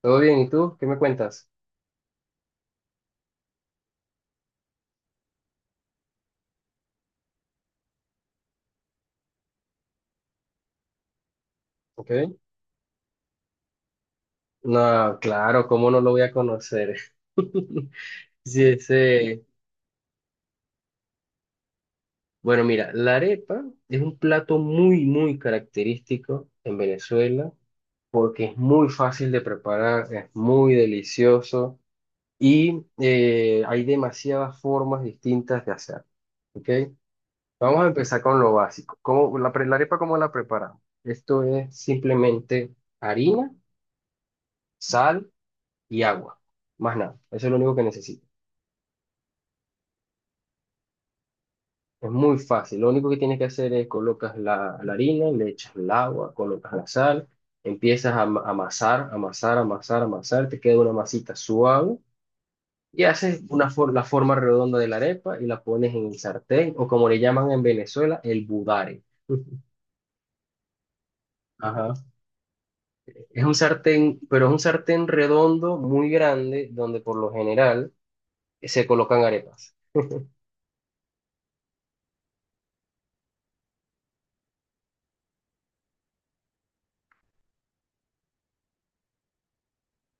¿Todo bien? ¿Y tú? ¿Qué me cuentas? ¿Ok? No, claro, ¿cómo no lo voy a conocer? Sí, ese... Bueno, mira, la arepa es un plato muy, muy característico en Venezuela porque es muy fácil de preparar, es muy delicioso y hay demasiadas formas distintas de hacer. ¿Ok? Vamos a empezar con lo básico. ¿La arepa, cómo la preparamos? Esto es simplemente harina, sal y agua. Más nada, eso es lo único que necesitas. Es muy fácil, lo único que tienes que hacer es colocas la harina, le echas el agua, colocas la sal, amasar, amasar, amasar, amasar, te queda una masita suave y la forma redonda de la arepa y la pones en el sartén o como le llaman en Venezuela, el budare. Ajá. Es un sartén, pero es un sartén redondo muy grande donde por lo general se colocan arepas.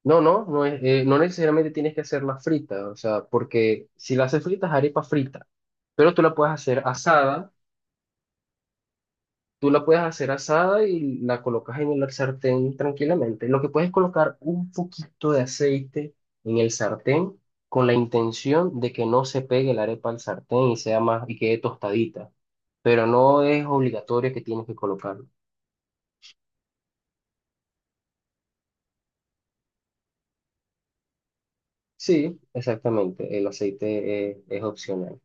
No, necesariamente tienes que hacerla frita, o sea, porque si la haces frita es arepa frita, pero tú la puedes hacer asada, tú la puedes hacer asada y la colocas en el sartén tranquilamente. Lo que puedes es colocar un poquito de aceite en el sartén con la intención de que no se pegue la arepa al sartén y sea más y quede tostadita, pero no es obligatorio que tienes que colocarlo. Sí, exactamente, el aceite es opcional.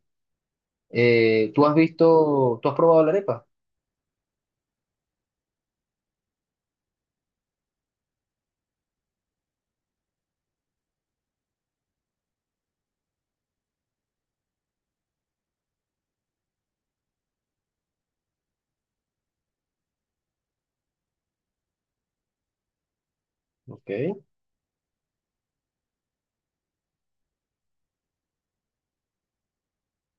¿Tú has probado la arepa? Okay.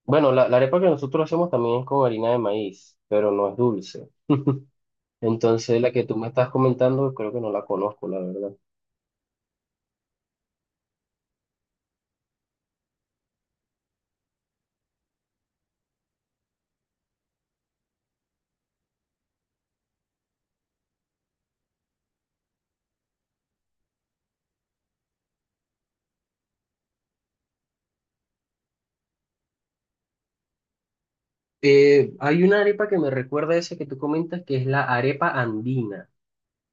Bueno, la arepa que nosotros hacemos también es con harina de maíz, pero no es dulce. Entonces, la que tú me estás comentando, creo que no la conozco, la verdad. Hay una arepa que me recuerda a esa que tú comentas, que es la arepa andina.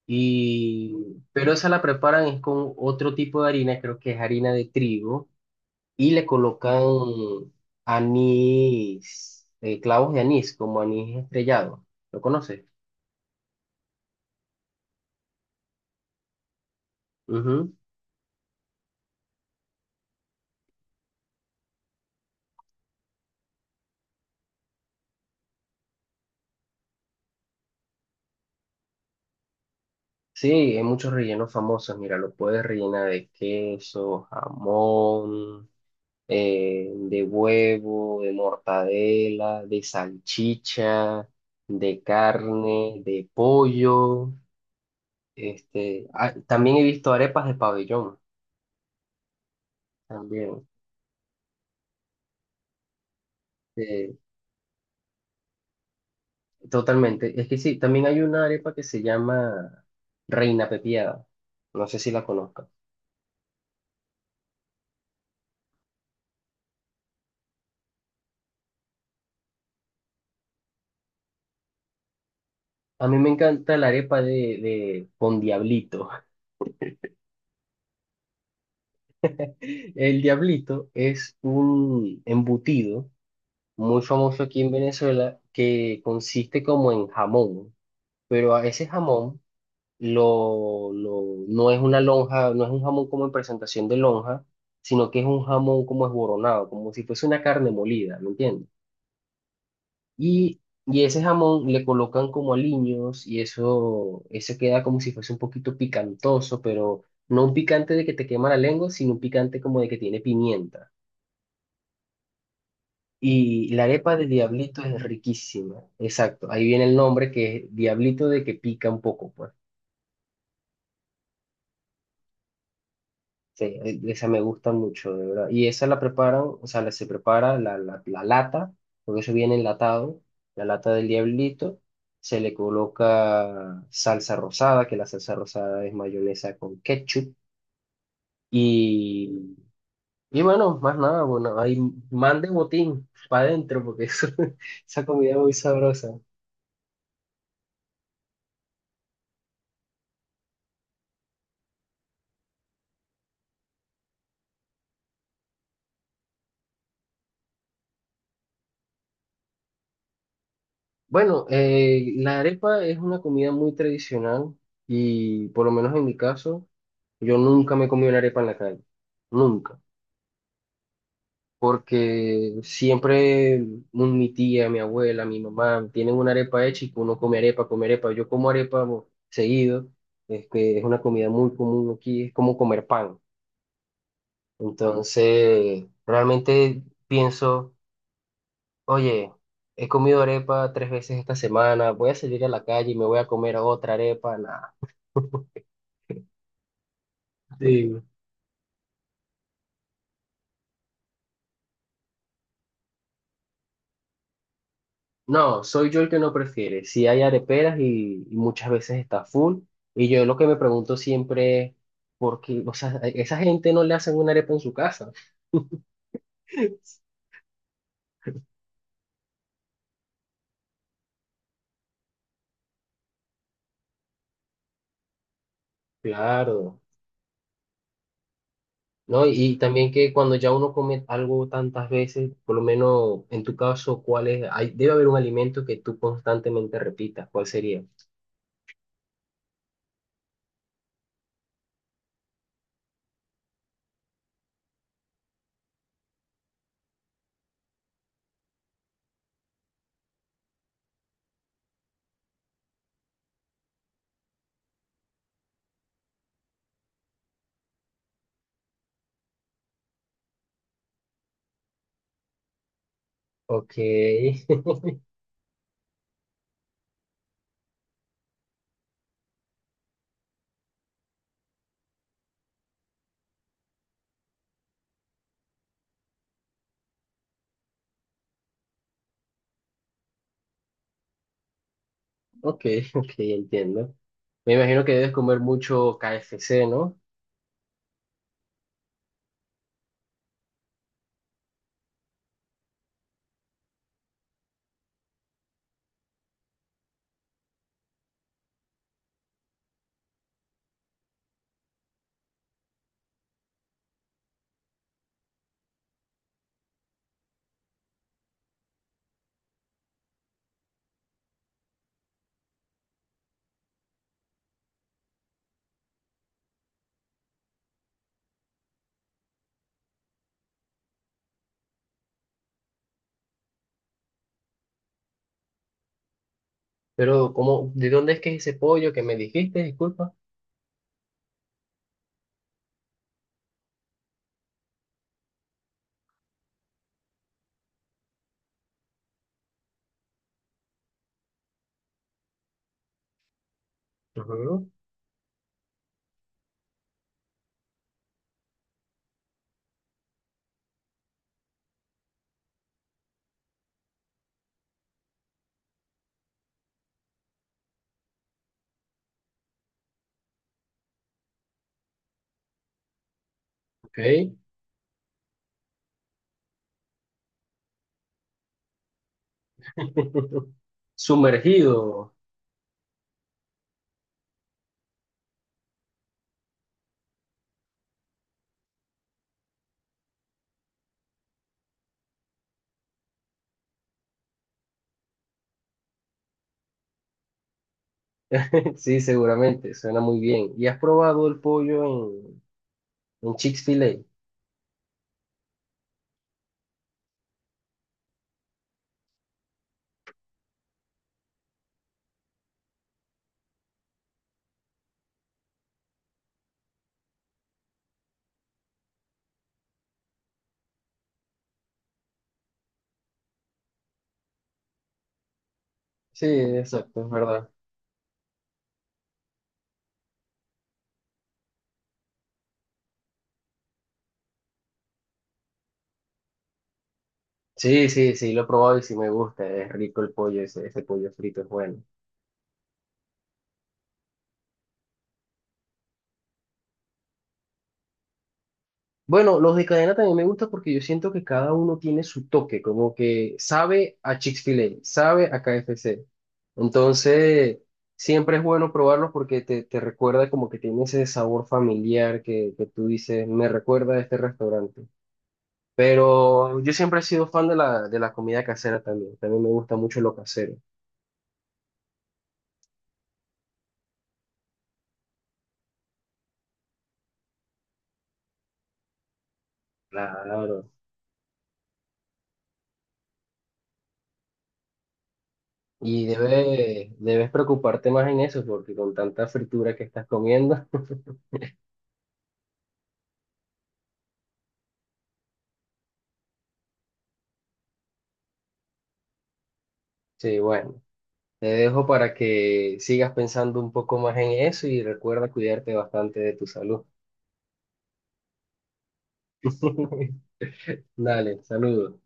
Y, pero esa la preparan es con otro tipo de harina, creo que es harina de trigo, y le colocan anís, clavos de anís, como anís estrellado. ¿Lo conoces? Sí, hay muchos rellenos famosos. Mira, lo puedes rellenar de queso, jamón, de huevo, de mortadela, de salchicha, de carne, de pollo. También he visto arepas de pabellón, también. eh, Totalmente. Es que sí, también hay una arepa que se llama Reina Pepiada. No sé si la conozcas. A mí me encanta la arepa de con diablito. El diablito es un embutido muy famoso aquí en Venezuela que consiste como en jamón, pero a ese jamón no es una lonja, no es un jamón como en presentación de lonja, sino que es un jamón como esboronado, como si fuese una carne molida, ¿me entiendes? Y ese jamón le colocan como aliños y eso queda como si fuese un poquito picantoso, pero no un picante de que te quema la lengua, sino un picante como de que tiene pimienta. Y la arepa de diablito es riquísima, exacto. Ahí viene el nombre que es diablito de que pica un poco, pues. Esa me gusta mucho, de verdad. Y esa la preparan, o sea, se prepara la lata, porque eso viene enlatado, la lata del diablito. Se le coloca salsa rosada, que la salsa rosada es mayonesa con ketchup. Y, y bueno, más nada, bueno, ahí mande botín para adentro, porque eso, esa comida es muy sabrosa. Bueno, la arepa es una comida muy tradicional y por lo menos en mi caso, yo nunca me he comido una arepa en la calle, nunca, porque siempre mi tía, mi abuela, mi mamá tienen una arepa hecha y uno come arepa, yo como arepa bo, seguido, es que es una comida muy común aquí, es como comer pan, entonces realmente pienso... Oye, he comido arepa tres veces esta semana, voy a salir a la calle y me voy a comer otra arepa, nada. Sí. No, soy yo el que no prefiere. Si hay areperas y muchas veces está full. Y yo lo que me pregunto siempre es, ¿por qué? O sea, a esa gente no le hacen una arepa en su casa. Claro, ¿no? Y también que cuando ya uno come algo tantas veces, por lo menos en tu caso, ¿cuál es? Hay, debe haber un alimento que tú constantemente repitas, ¿cuál sería? Ok, ok, ok, entiendo. Me imagino que debes comer mucho KFC, ¿no? Pero, ¿cómo, de dónde es que es ese pollo que me dijiste? Disculpa. Ujú. Ok. Sumergido. Sí, seguramente. Suena muy bien. ¿Y has probado el pollo en, en Chick-fil-A? Sí, exacto, es verdad. Sí, sí, sí, lo he probado y sí me gusta. Es rico el pollo, ese pollo frito es bueno. Bueno, los de cadena también me gusta porque yo siento que cada uno tiene su toque, como que sabe a Chick-fil-A, sabe a KFC. Entonces, siempre es bueno probarlos porque te recuerda como que tiene ese sabor familiar que tú dices, me recuerda a este restaurante. Pero yo siempre he sido fan de de la comida casera también, también me gusta mucho lo casero. Claro. Y debes preocuparte más en eso porque con tanta fritura que estás comiendo, sí, bueno. Te dejo para que sigas pensando un poco más en eso y recuerda cuidarte bastante de tu salud. Dale, saludos.